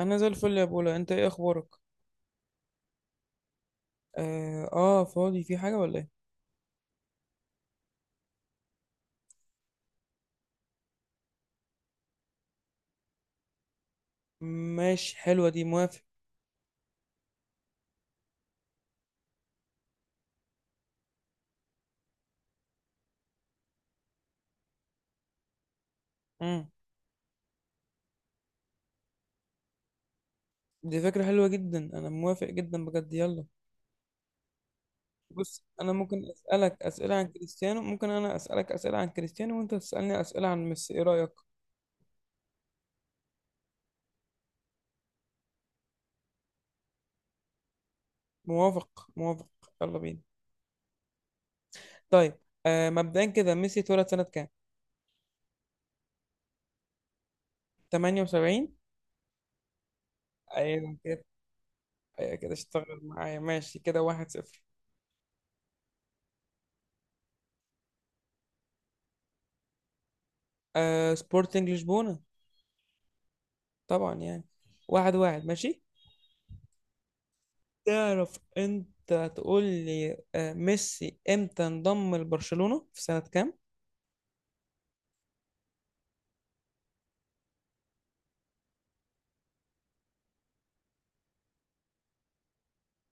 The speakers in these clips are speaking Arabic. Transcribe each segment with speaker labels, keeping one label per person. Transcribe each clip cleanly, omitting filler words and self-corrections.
Speaker 1: انا زي الفل يا بولا. انت ايه اخبارك؟ اه, فاضي، في حاجه ولا ايه؟ ماشي، حلوه دي، موافق. امم دي فكره حلوه جدا، انا موافق جدا بجد. يلا. بص، انا ممكن انا اسالك اسئله عن كريستيانو وانت تسالني اسئله عن ميسي، ايه رايك؟ موافق، موافق. يلا بينا. طيب. مبدئيا كده، ميسي اتولد سنه كام؟ 78. ايوه كده، ايوه كده، اشتغل معايا، ماشي، كده واحد صفر. سبورتنج لشبونه. طبعا يعني. واحد واحد، ماشي. تعرف انت تقول لي، ميسي امتى انضم لبرشلونة في سنة كام؟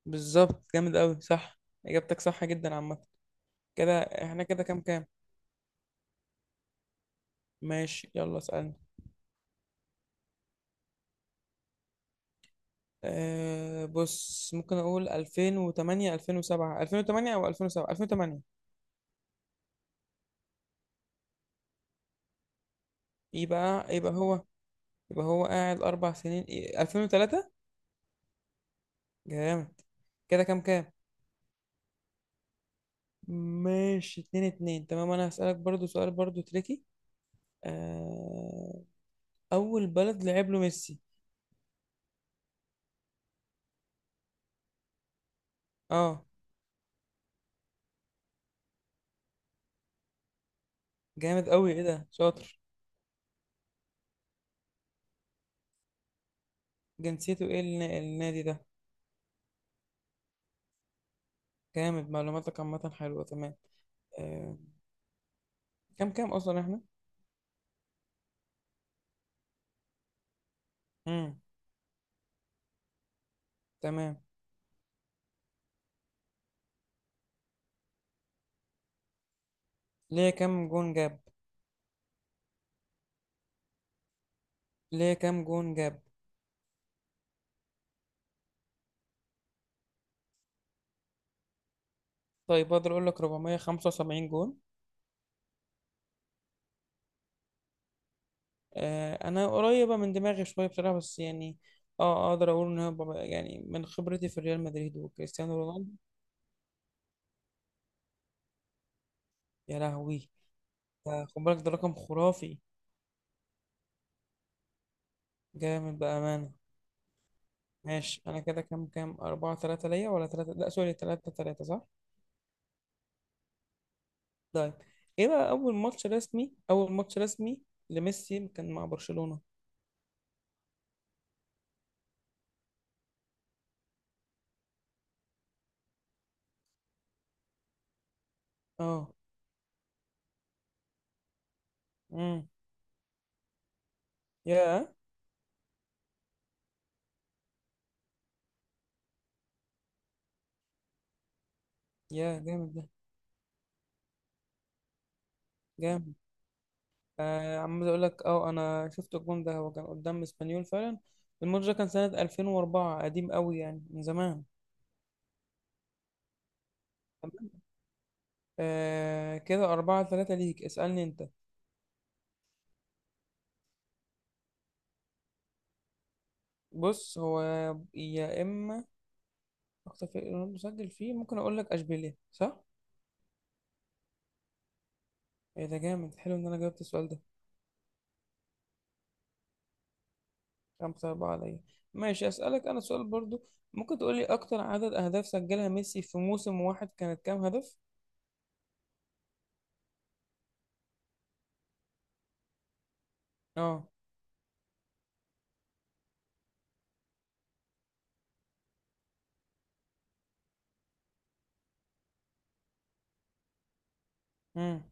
Speaker 1: بالظبط، جامد قوي، صح. اجابتك صح جدا. عامة كده احنا كده كام كام؟ ماشي، يلا اسألني. بص، ممكن اقول 2008، 2007، 2008 او 2007، 2008. يبقى يبقى هو يبقى هو قاعد اربع سنين، إيه، 2003. جامد. كده كام كام؟ ماشي، اتنين اتنين، تمام. انا هسألك برضو سؤال برضو تريكي. أه اول بلد لعب له ميسي؟ اه. جامد قوي، ايه ده، شاطر. جنسيته ايه النادي ده؟ جامد. معلوماتك عامه حلوه، تمام. آه. كام كام اصلا احنا؟ امم تمام. ليه كام جون جاب ليه كام جون جاب؟ طيب، اقدر اقول لك 475 جون. انا قريبه من دماغي شويه بصراحه، بس يعني. اه، اقدر اقول ان هو يعني، من خبرتي في ريال مدريد وكريستيانو رونالدو. يا لهوي. ده خد بالك، ده رقم خرافي. جامد بأمانة. ماشي، انا كده كام كام؟ أربعة تلاتة ليا ولا تلاتة؟ لا، سوري، تلاتة تلاتة، صح. طيب. ايه بقى اول ماتش رسمي لميسي كان مع برشلونة؟ اه. امم يا، جامد ده، جامد. عمال اقول لك، اه، انا شفت الجون ده، هو كان قدام اسبانيول فعلا. الماتش ده كان سنة 2004، قديم قوي يعني، من زمان. تمام. كده أربعة تلاتة ليك، اسألني انت. بص هو، يا اما اكتر فريق رونالدو سجل فيه، ممكن اقول لك اشبيليه، صح؟ ايه ده، جامد، حلو ان انا جاوبت السؤال ده. خمسة أربعة عليا. ماشي، أسألك أنا سؤال برضو. ممكن تقولي أكتر عدد أهداف سجلها ميسي في موسم واحد كانت كام هدف؟ اه، امم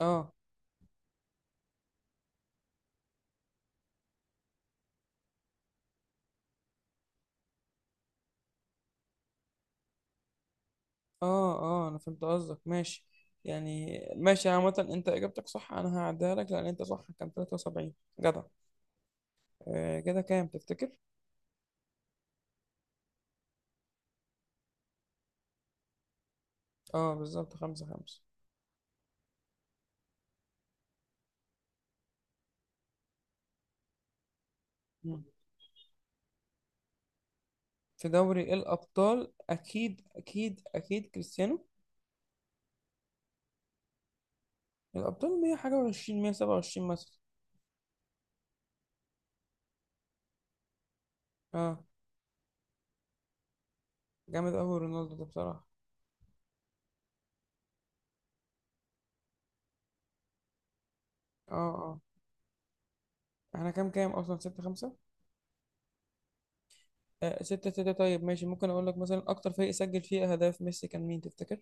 Speaker 1: اه، اه، اه، أنا فهمت قصدك، ماشي. يعني ماشي. عامة أنت إجابتك صح، أنا هعديها لك لأن أنت صح، كان 73. جدع. كده كام تفتكر؟ اه، بالظبط، خمسة خمسة. مم. في دوري الأبطال أكيد أكيد أكيد كريستيانو. الأبطال 100 حاجة و20، 127 مثلا. اه، جامد قوي رونالدو ده بصراحة. اه، اه، احنا كام كام اصلا؟ ستة خمسة. ستة ستة، طيب، ماشي. ممكن اقول لك مثلا، اكتر فريق سجل فيه اهداف ميسي كان مين تفتكر؟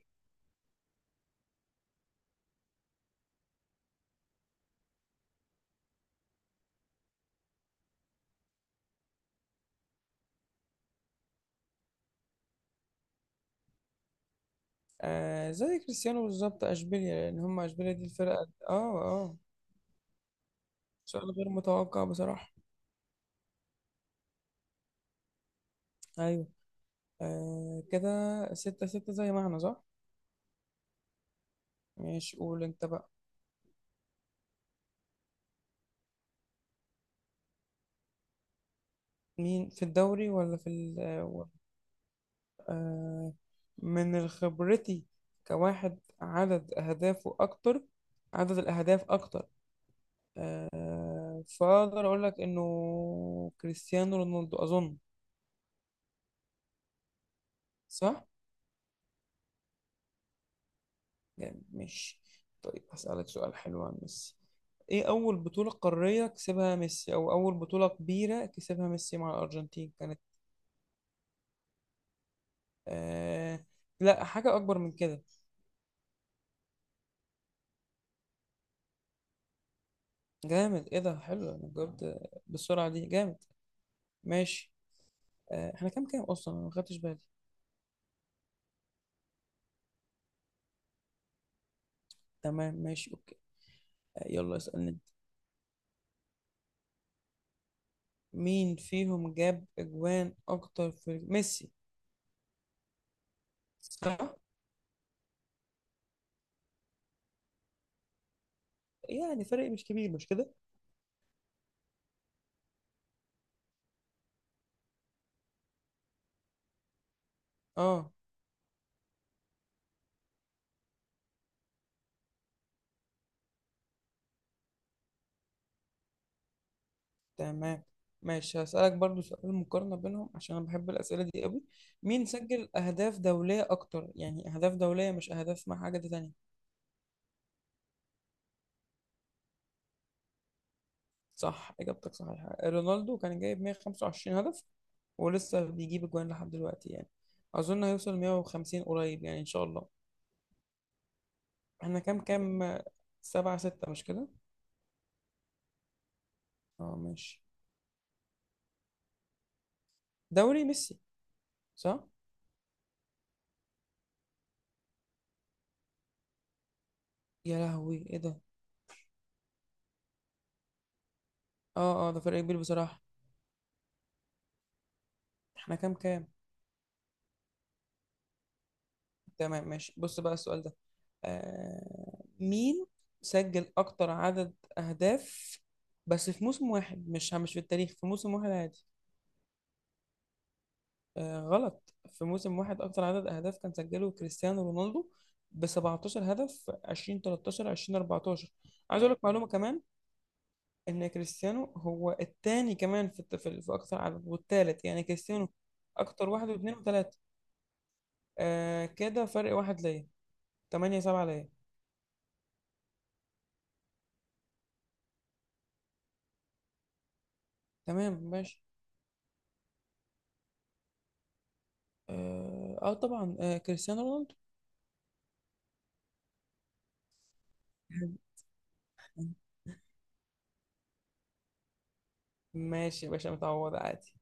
Speaker 1: زي كريستيانو بالظبط، اشبيليا، لان هم اشبيليا دي الفرقة، اه، اه. سؤال غير متوقع بصراحة. ايوه. كده ستة ستة زي ما احنا، صح. ماشي، قول انت بقى. مين، في الدوري ولا في آه، من خبرتي، كواحد، عدد اهدافه اكتر عدد الأهداف أكتر. فاقدر اقول لك انه كريستيانو رونالدو، اظن. صح يعني، ماشي. طيب، هسألك سؤال حلو عن ميسي. ايه اول بطولة قارية كسبها ميسي او اول بطولة كبيرة كسبها ميسي مع الارجنتين كانت؟ آه لا، حاجة اكبر من كده. جامد، ايه ده، حلو، انا جاوبت بالسرعة دي، جامد. ماشي. احنا كام كام اصلا؟ انا ما خدتش بالي. تمام، ماشي، اوكي. يلا اسألني انت. مين فيهم جاب اجوان اكتر في ميسي؟ صح. يعني فرق مش كبير، مش كده؟ اه. تمام، ماشي. هسألك برضو سؤال مقارنة بينهم عشان أنا بحب الأسئلة دي قوي. مين سجل أهداف دولية أكتر؟ يعني أهداف دولية، مش أهداف مع حاجة تانية. صح، إجابتك صحيحة. رونالدو كان جايب 125 هدف ولسه بيجيب أجوان لحد دلوقتي يعني. أظن هيوصل 150 قريب يعني، إن شاء الله. إحنا كام كام؟ سبعة ستة، مش كده؟ اه، ماشي. دوري، ميسي. صح. يا لهوي، إيه ده. اه، اه، ده فرق كبير بصراحة. إحنا كام كام؟ تمام، ماشي، بص بقى السؤال ده. مين سجل أكتر عدد أهداف بس في موسم واحد؟ مش في التاريخ، في موسم واحد عادي. غلط، في موسم واحد أكتر عدد أهداف كان سجله كريستيانو رونالدو ب 17 هدف في 2013 2014. عايز أقول لك معلومة كمان، إن كريستيانو هو التاني كمان في الت- في في أكتر عدد، والتالت يعني كريستيانو. أكتر، واحد واثنين وثلاثة. كده فرق واحد ليا. 8-7 ليا، تمام، ماشي. اه، طبعا، كريستيانو رونالدو. ماشي يا باشا، متعوض عادي.